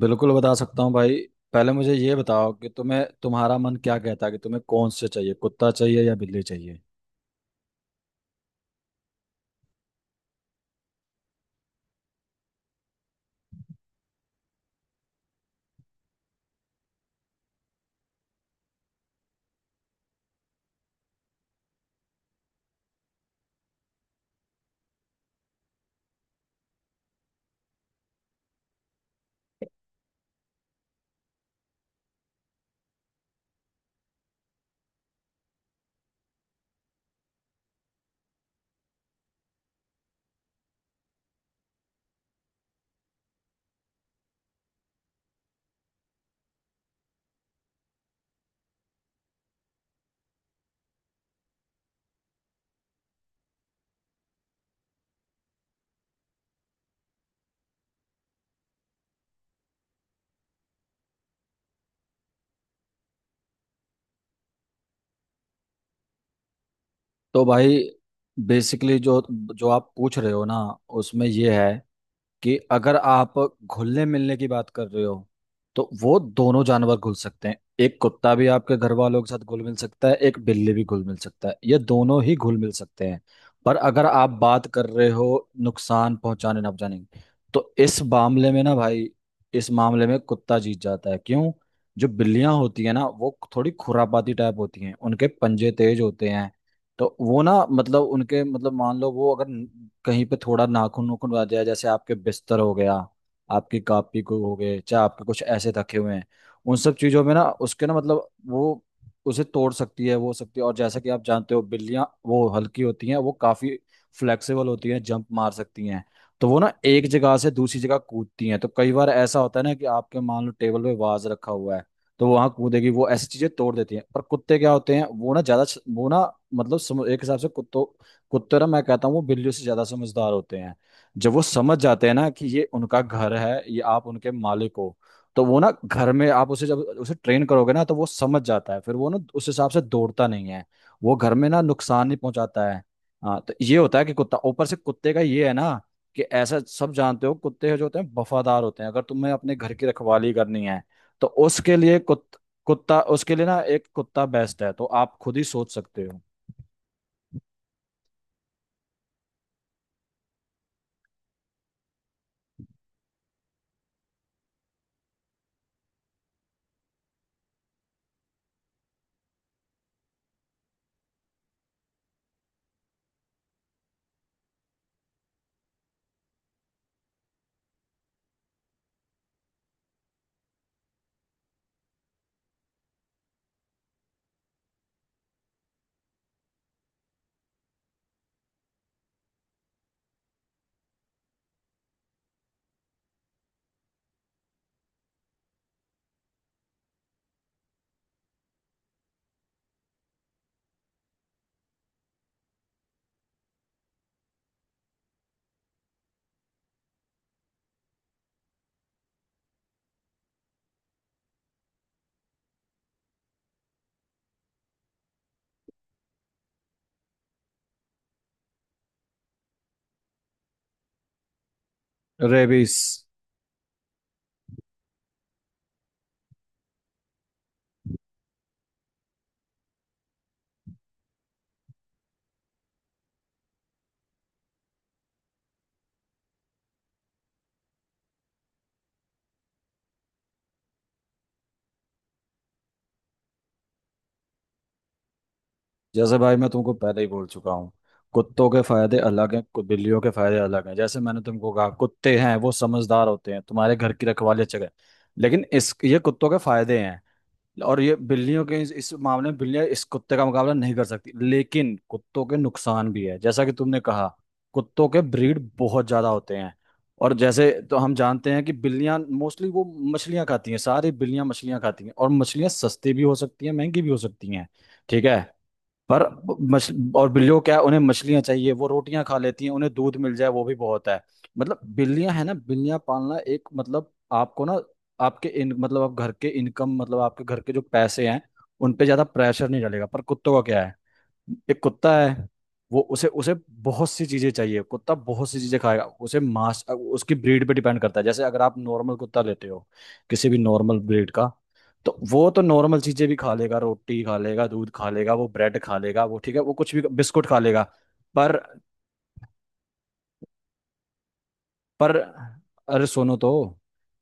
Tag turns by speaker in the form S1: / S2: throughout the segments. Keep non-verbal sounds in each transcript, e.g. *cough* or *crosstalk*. S1: बिल्कुल बता सकता हूँ भाई। पहले मुझे ये बताओ कि तुम्हें तुम्हारा मन क्या कहता है, कि तुम्हें कौन से चाहिए, कुत्ता चाहिए या बिल्ली चाहिए। तो भाई, बेसिकली जो जो आप पूछ रहे हो ना, उसमें ये है कि अगर आप घुलने मिलने की बात कर रहे हो तो वो दोनों जानवर घुल सकते हैं। एक कुत्ता भी आपके घर वालों के साथ घुल मिल सकता है, एक बिल्ली भी घुल मिल सकता है, ये दोनों ही घुल मिल सकते हैं। पर अगर आप बात कर रहे हो नुकसान पहुंचाने ना पहुंचाने की, तो इस मामले में ना भाई, इस मामले में कुत्ता जीत जाता है, क्यों? जो बिल्लियां होती है ना, वो थोड़ी खुरापाती टाइप होती हैं, उनके पंजे तेज होते हैं। तो वो ना मतलब उनके मतलब मान लो वो अगर कहीं पे थोड़ा नाखून नूखून आ जाए, जैसे आपके बिस्तर हो गया, आपकी कापी को हो गए, चाहे आपके कुछ ऐसे रखे हुए हैं, उन सब चीजों में ना, उसके ना मतलब वो उसे तोड़ सकती है, वो हो सकती है। और जैसा कि आप जानते हो, बिल्लियां वो हल्की होती हैं, वो काफी फ्लेक्सिबल होती हैं, जंप मार सकती हैं। तो वो ना एक जगह से दूसरी जगह कूदती हैं, तो कई बार ऐसा होता है ना कि आपके, मान लो टेबल पे वाज रखा हुआ है, तो वो वहां कूदेगी, वो ऐसी चीजें तोड़ देती हैं। पर कुत्ते क्या होते हैं, वो ना ज्यादा वो ना मतलब समझ, एक हिसाब से कुत्तों कुत्ते ना, मैं कहता हूँ वो बिल्लियों से ज्यादा समझदार होते हैं। जब वो समझ जाते हैं ना कि ये उनका घर है, ये आप उनके मालिक हो, तो वो ना घर में आप उसे जब उसे ट्रेन करोगे ना, तो वो समझ जाता है, फिर वो ना उस हिसाब से दौड़ता नहीं है, वो घर में ना नुकसान नहीं पहुंचाता है। हाँ, तो ये होता है कि कुत्ता, ऊपर से कुत्ते का ये है ना, कि ऐसा सब जानते हो, कुत्ते जो होते हैं वफादार होते हैं, अगर तुम्हें अपने घर की रखवाली करनी है, तो उसके लिए कुत्ता, उसके लिए ना एक कुत्ता बेस्ट है, तो आप खुद ही सोच सकते हो। रेबीज। जैसे भाई, मैं तुमको पहले ही बोल चुका हूँ, कुत्तों के फायदे अलग हैं, बिल्लियों के फायदे अलग हैं। जैसे मैंने तुमको कहा, कुत्ते हैं वो समझदार होते हैं, तुम्हारे घर की रखवाली अच्छा करें। लेकिन इस ये कुत्तों के फायदे हैं, और ये बिल्लियों के, इस मामले में बिल्लियां इस कुत्ते का मुकाबला नहीं कर सकती, लेकिन कुत्तों के नुकसान भी है, जैसा कि तुमने कहा। कुत्तों के ब्रीड बहुत ज्यादा होते हैं, और जैसे तो हम जानते हैं कि बिल्लियां मोस्टली वो मछलियां खाती हैं, सारी बिल्लियां मछलियां खाती हैं, और मछलियां सस्ती भी हो सकती हैं, महंगी भी हो सकती हैं। ठीक है। पर मछ और बिल्लियों क्या है, उन्हें मछलियां चाहिए, वो रोटियां खा लेती हैं, उन्हें दूध मिल जाए वो भी बहुत है। मतलब बिल्लियां है ना, बिल्लियां पालना एक मतलब आपको ना आपके इन मतलब आप घर के इनकम मतलब आपके घर के जो पैसे हैं, उन पे ज्यादा प्रेशर नहीं डालेगा। पर कुत्तों का क्या है? एक कुत्ता है, वो उसे उसे बहुत सी चीजें चाहिए, कुत्ता बहुत सी चीजें खाएगा, उसे मांस, उसकी ब्रीड पे डिपेंड करता है। जैसे अगर आप नॉर्मल कुत्ता लेते हो, किसी भी नॉर्मल ब्रीड का, तो वो तो नॉर्मल चीजें भी खा लेगा, रोटी खा लेगा, दूध खा लेगा, वो ब्रेड खा लेगा, वो ठीक है, वो कुछ भी बिस्कुट खा लेगा। पर पर अरे सुनो तो,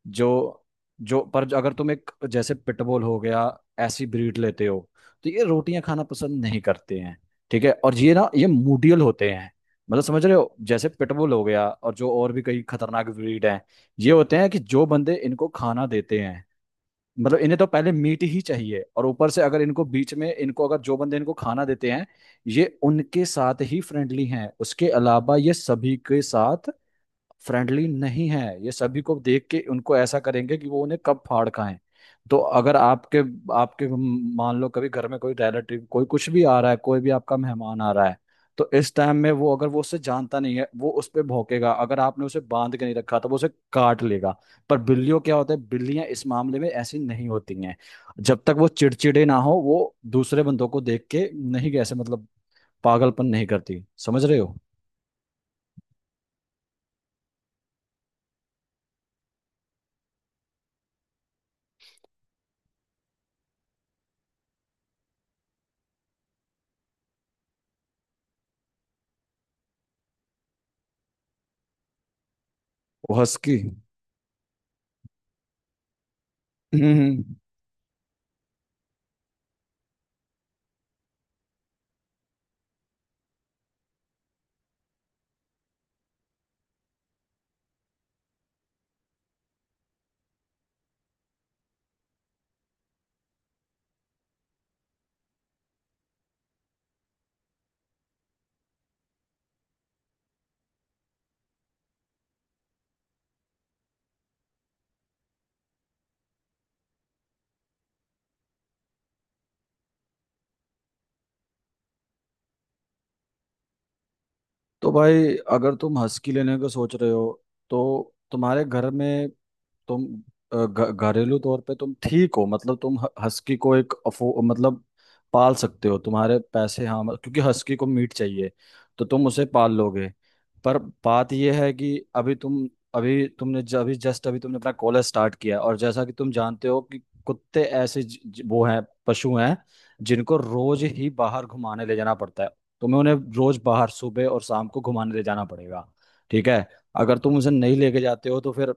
S1: जो जो पर जो- अगर तुम एक जैसे पिटबुल हो गया, ऐसी ब्रीड लेते हो, तो ये रोटियां खाना पसंद नहीं करते हैं। ठीक है, और ये ना ये मूडियल होते हैं, मतलब समझ रहे हो, जैसे पिटबुल हो गया, और जो और भी कई खतरनाक ब्रीड हैं। ये होते हैं कि जो बंदे इनको खाना देते हैं, मतलब इन्हें तो पहले मीट ही चाहिए, और ऊपर से अगर इनको बीच में इनको अगर जो बंदे इनको खाना देते हैं, ये उनके साथ ही फ्रेंडली हैं, उसके अलावा ये सभी के साथ फ्रेंडली नहीं है, ये सभी को देख के उनको ऐसा करेंगे कि वो उन्हें कब फाड़ खाएं। तो अगर आपके आपके मान लो कभी घर में कोई रिलेटिव कोई कुछ भी आ रहा है, कोई भी आपका मेहमान आ रहा है, तो इस टाइम में वो, अगर वो उससे जानता नहीं है, वो उस पर भौंकेगा, अगर आपने उसे बांध के नहीं रखा तो वो उसे काट लेगा। पर बिल्लियों क्या होता है, बिल्लियां इस मामले में ऐसी नहीं होती हैं। जब तक वो चिड़चिड़े ना हो, वो दूसरे बंदों को देख के नहीं ऐसे मतलब पागलपन नहीं करती, समझ रहे हो? वो हंस की। *laughs* तो भाई, अगर तुम हस्की लेने का सोच रहे हो, तो तुम्हारे घर में तुम घरेलू तौर पे तुम ठीक हो, मतलब तुम हस्की को एक अफो मतलब पाल सकते हो, तुम्हारे पैसे, हाँ क्योंकि हस्की को मीट चाहिए, तो तुम उसे पाल लोगे। पर बात यह है कि अभी तुम अभी जस्ट अभी तुमने अपना कॉलेज स्टार्ट किया, और जैसा कि तुम जानते हो कि कुत्ते ऐसे ज, ज, वो हैं पशु हैं, जिनको रोज ही बाहर घुमाने ले जाना पड़ता है। तुम्हें उन्हें रोज बाहर सुबह और शाम को घुमाने ले जाना पड़ेगा। ठीक है। अगर तुम उसे नहीं लेके जाते हो तो फिर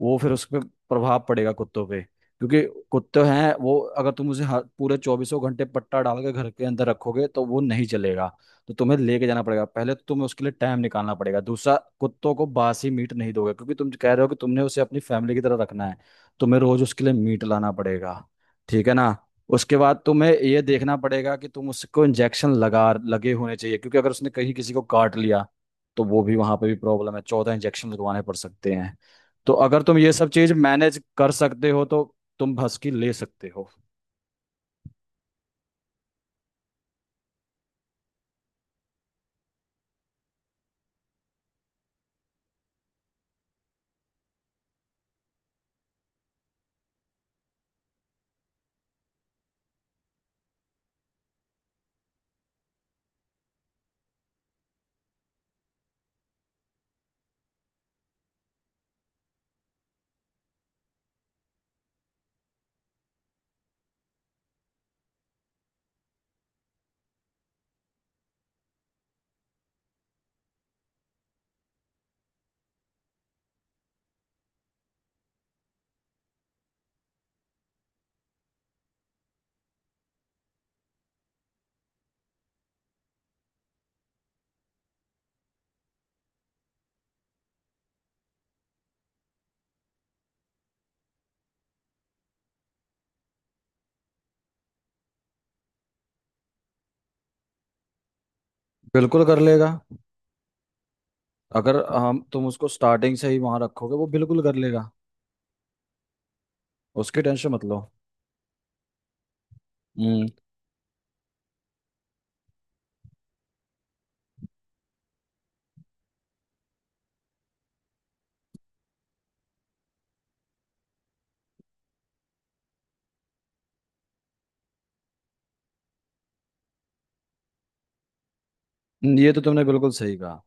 S1: वो फिर उस पे प्रभाव पड़ेगा, कुत्तों पे, क्योंकि कुत्ते हैं, वो अगर तुम उसे पूरे चौबीसों घंटे पट्टा डाल के घर के अंदर रखोगे तो वो नहीं चलेगा। तो तुम्हें लेके जाना पड़ेगा। पहले तो तुम्हें उसके लिए टाइम निकालना पड़ेगा, दूसरा, कुत्तों को बासी मीट नहीं दोगे, क्योंकि तुम कह रहे हो कि तुमने उसे अपनी फैमिली की तरह रखना है, तुम्हें रोज उसके लिए मीट लाना पड़ेगा, ठीक है ना। उसके बाद तुम्हें ये देखना पड़ेगा कि तुम उसको इंजेक्शन लगा लगे होने चाहिए, क्योंकि अगर उसने कहीं किसी को काट लिया, तो वो भी वहां पे भी प्रॉब्लम है, 14 इंजेक्शन लगवाने पड़ सकते हैं। तो अगर तुम ये सब चीज मैनेज कर सकते हो, तो तुम भस्की ले सकते हो। बिल्कुल कर लेगा। अगर हम तुम उसको स्टार्टिंग से ही वहां रखोगे, वो बिल्कुल कर लेगा। उसकी टेंशन मत लो। हम्म। ये तो तुमने बिल्कुल सही कहा।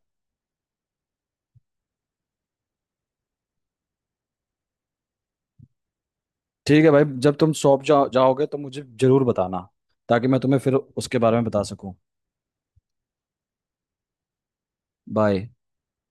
S1: ठीक है भाई, जब तुम शॉप जाओगे तो मुझे जरूर बताना, ताकि मैं तुम्हें फिर उसके बारे में बता सकूं। बाय।